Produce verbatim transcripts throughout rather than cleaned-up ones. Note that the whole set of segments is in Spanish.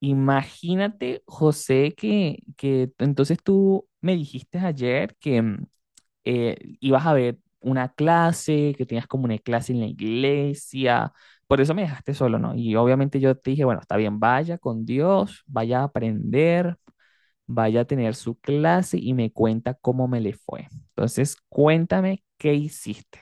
Imagínate, José, que, que t- entonces tú me dijiste ayer que mm, eh, ibas a ver una clase, que tenías como una clase en la iglesia, por eso me dejaste solo, ¿no? Y obviamente yo te dije, bueno, está bien, vaya con Dios, vaya a aprender, vaya a tener su clase y me cuenta cómo me le fue. Entonces, cuéntame qué hiciste.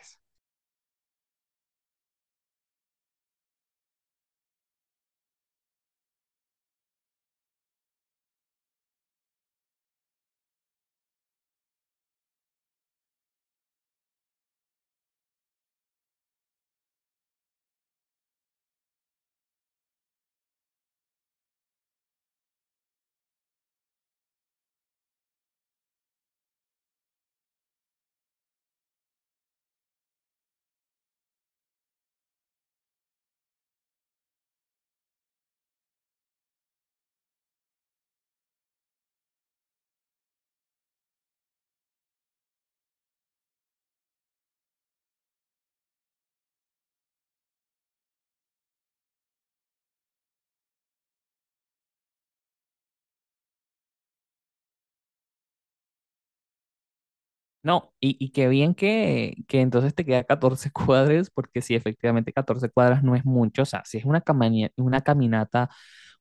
No, y, y qué bien que, que entonces te queda catorce cuadras, porque sí, efectivamente catorce cuadras no es mucho, o sea, sí es una, camani- una caminata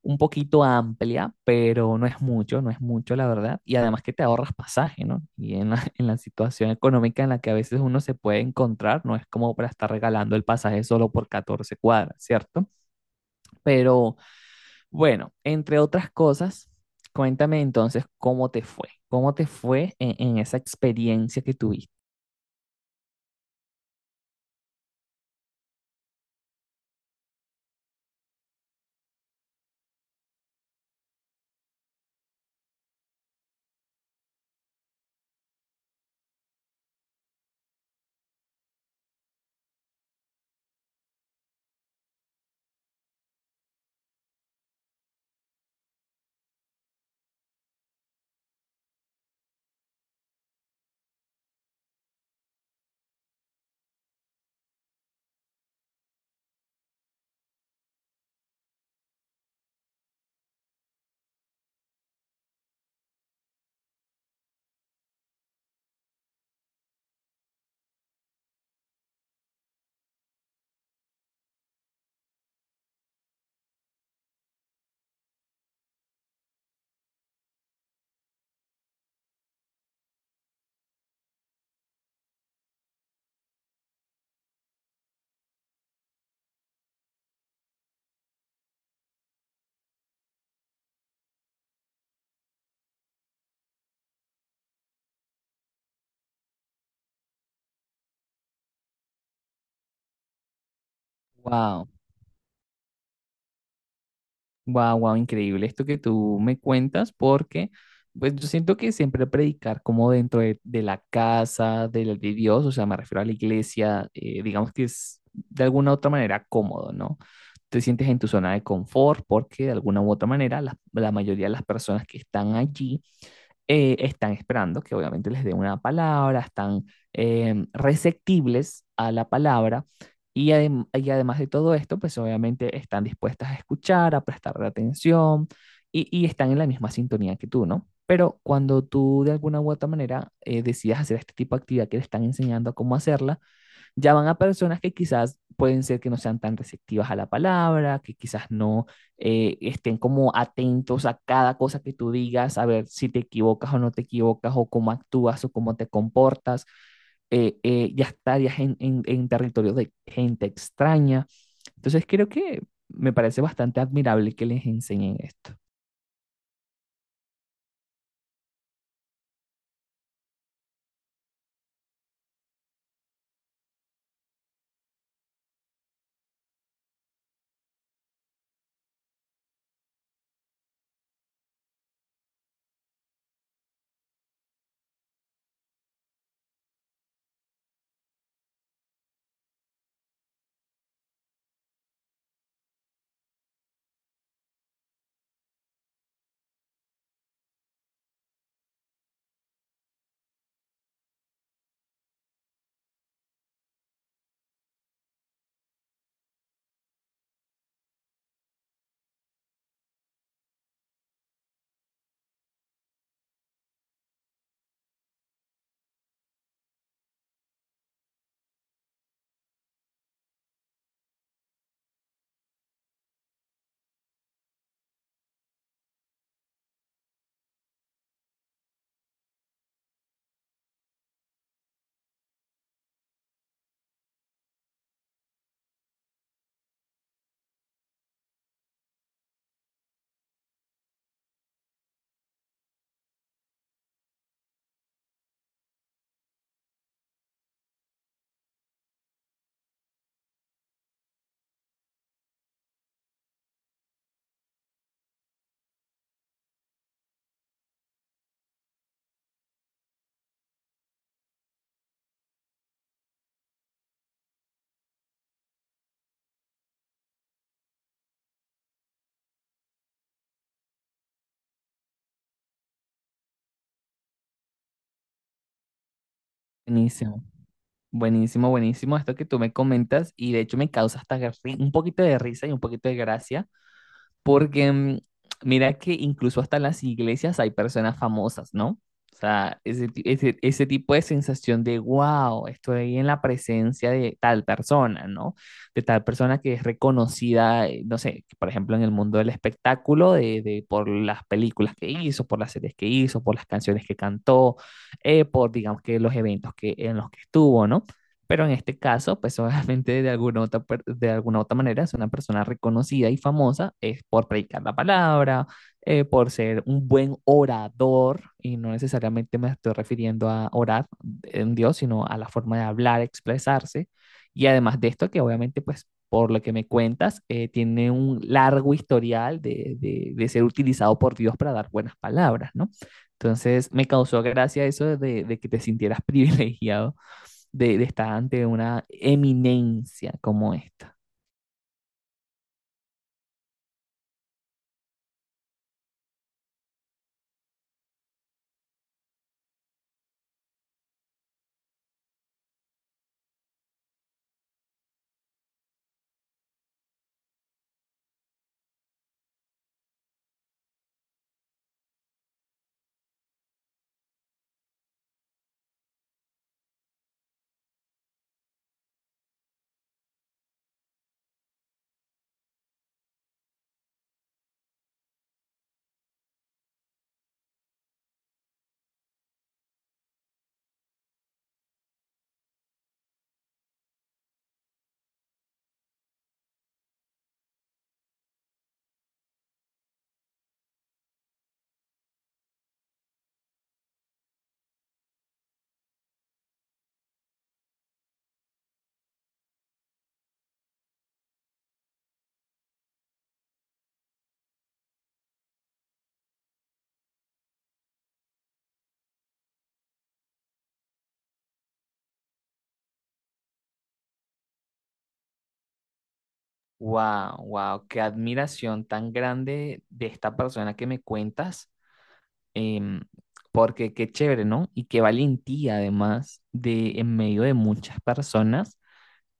un poquito amplia, pero no es mucho, no es mucho, la verdad, y además que te ahorras pasaje, ¿no? Y en la, en la situación económica en la que a veces uno se puede encontrar, no es como para estar regalando el pasaje solo por catorce cuadras, ¿cierto? Pero bueno, entre otras cosas, cuéntame entonces cómo te fue, cómo te fue en en esa experiencia que tuviste. Wow, wow, wow, increíble esto que tú me cuentas, porque pues yo siento que siempre predicar como dentro de, de la casa, del de Dios, o sea, me refiero a la iglesia, eh, digamos que es de alguna u otra manera cómodo, ¿no? Te sientes en tu zona de confort porque de alguna u otra manera la, la mayoría de las personas que están allí eh, están esperando que obviamente les dé una palabra, están em, receptibles a la palabra, y, adem- y además de todo esto, pues obviamente están dispuestas a escuchar, a prestar atención y, y están en la misma sintonía que tú, ¿no? Pero cuando tú de alguna u otra manera eh, decidas hacer este tipo de actividad que te están enseñando a cómo hacerla, ya van a personas que quizás pueden ser que no sean tan receptivas a la palabra, que quizás no eh, estén como atentos a cada cosa que tú digas, a ver si te equivocas o no te equivocas, o cómo actúas o cómo te comportas. Eh, eh, ya estarías en, en, en territorios de gente extraña. Entonces creo que me parece bastante admirable que les enseñen esto. Buenísimo, buenísimo, buenísimo esto que tú me comentas y de hecho me causa hasta ri- un poquito de risa y un poquito de gracia. Porque mm, mira que incluso hasta en las iglesias hay personas famosas, ¿no? O sea, ese, ti- ese, ese tipo de sensación de, wow, estoy en la presencia de tal persona, ¿no? De tal persona que es reconocida, eh, no sé, por ejemplo, en el mundo del espectáculo, de, de- por las películas que hizo, por las series que hizo, por las canciones que cantó, eh, por, digamos que, los eventos que, en los que estuvo, ¿no? Pero en este caso, pues obviamente de alguna otra, per- de alguna otra manera es una persona reconocida y famosa es por predicar la palabra, eh, por ser un buen orador, y no necesariamente me estoy refiriendo a orar en Dios, sino a la forma de hablar, expresarse. Y además de esto, que obviamente, pues por lo que me cuentas, eh, tiene un largo historial de, de- de ser utilizado por Dios para dar buenas palabras, ¿no? Entonces, me causó gracia eso de de que te sintieras privilegiado de, de estar ante una eminencia como esta. Wow, wow, qué admiración tan grande de esta persona que me cuentas, em, porque qué chévere, ¿no? Y qué valentía además de en medio de muchas personas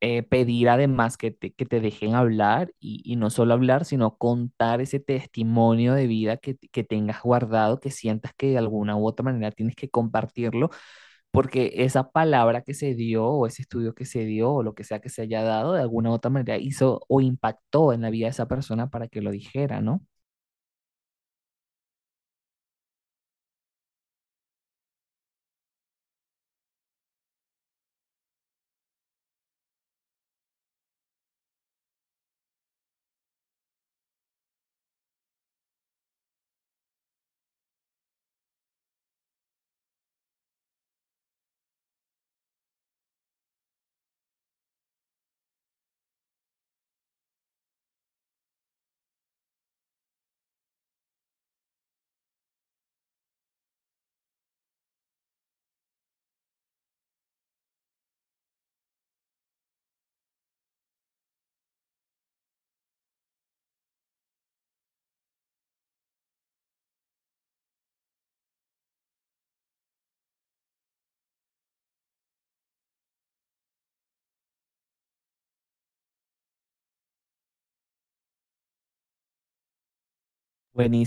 eh, pedir además que te, que te dejen hablar y, y no solo hablar, sino contar ese testimonio de vida que, que tengas guardado, que sientas que de alguna u otra manera tienes que compartirlo porque esa palabra que se dio o ese estudio que se dio o lo que sea que se haya dado, de alguna u otra manera hizo o impactó en la vida de esa persona para que lo dijera, ¿no?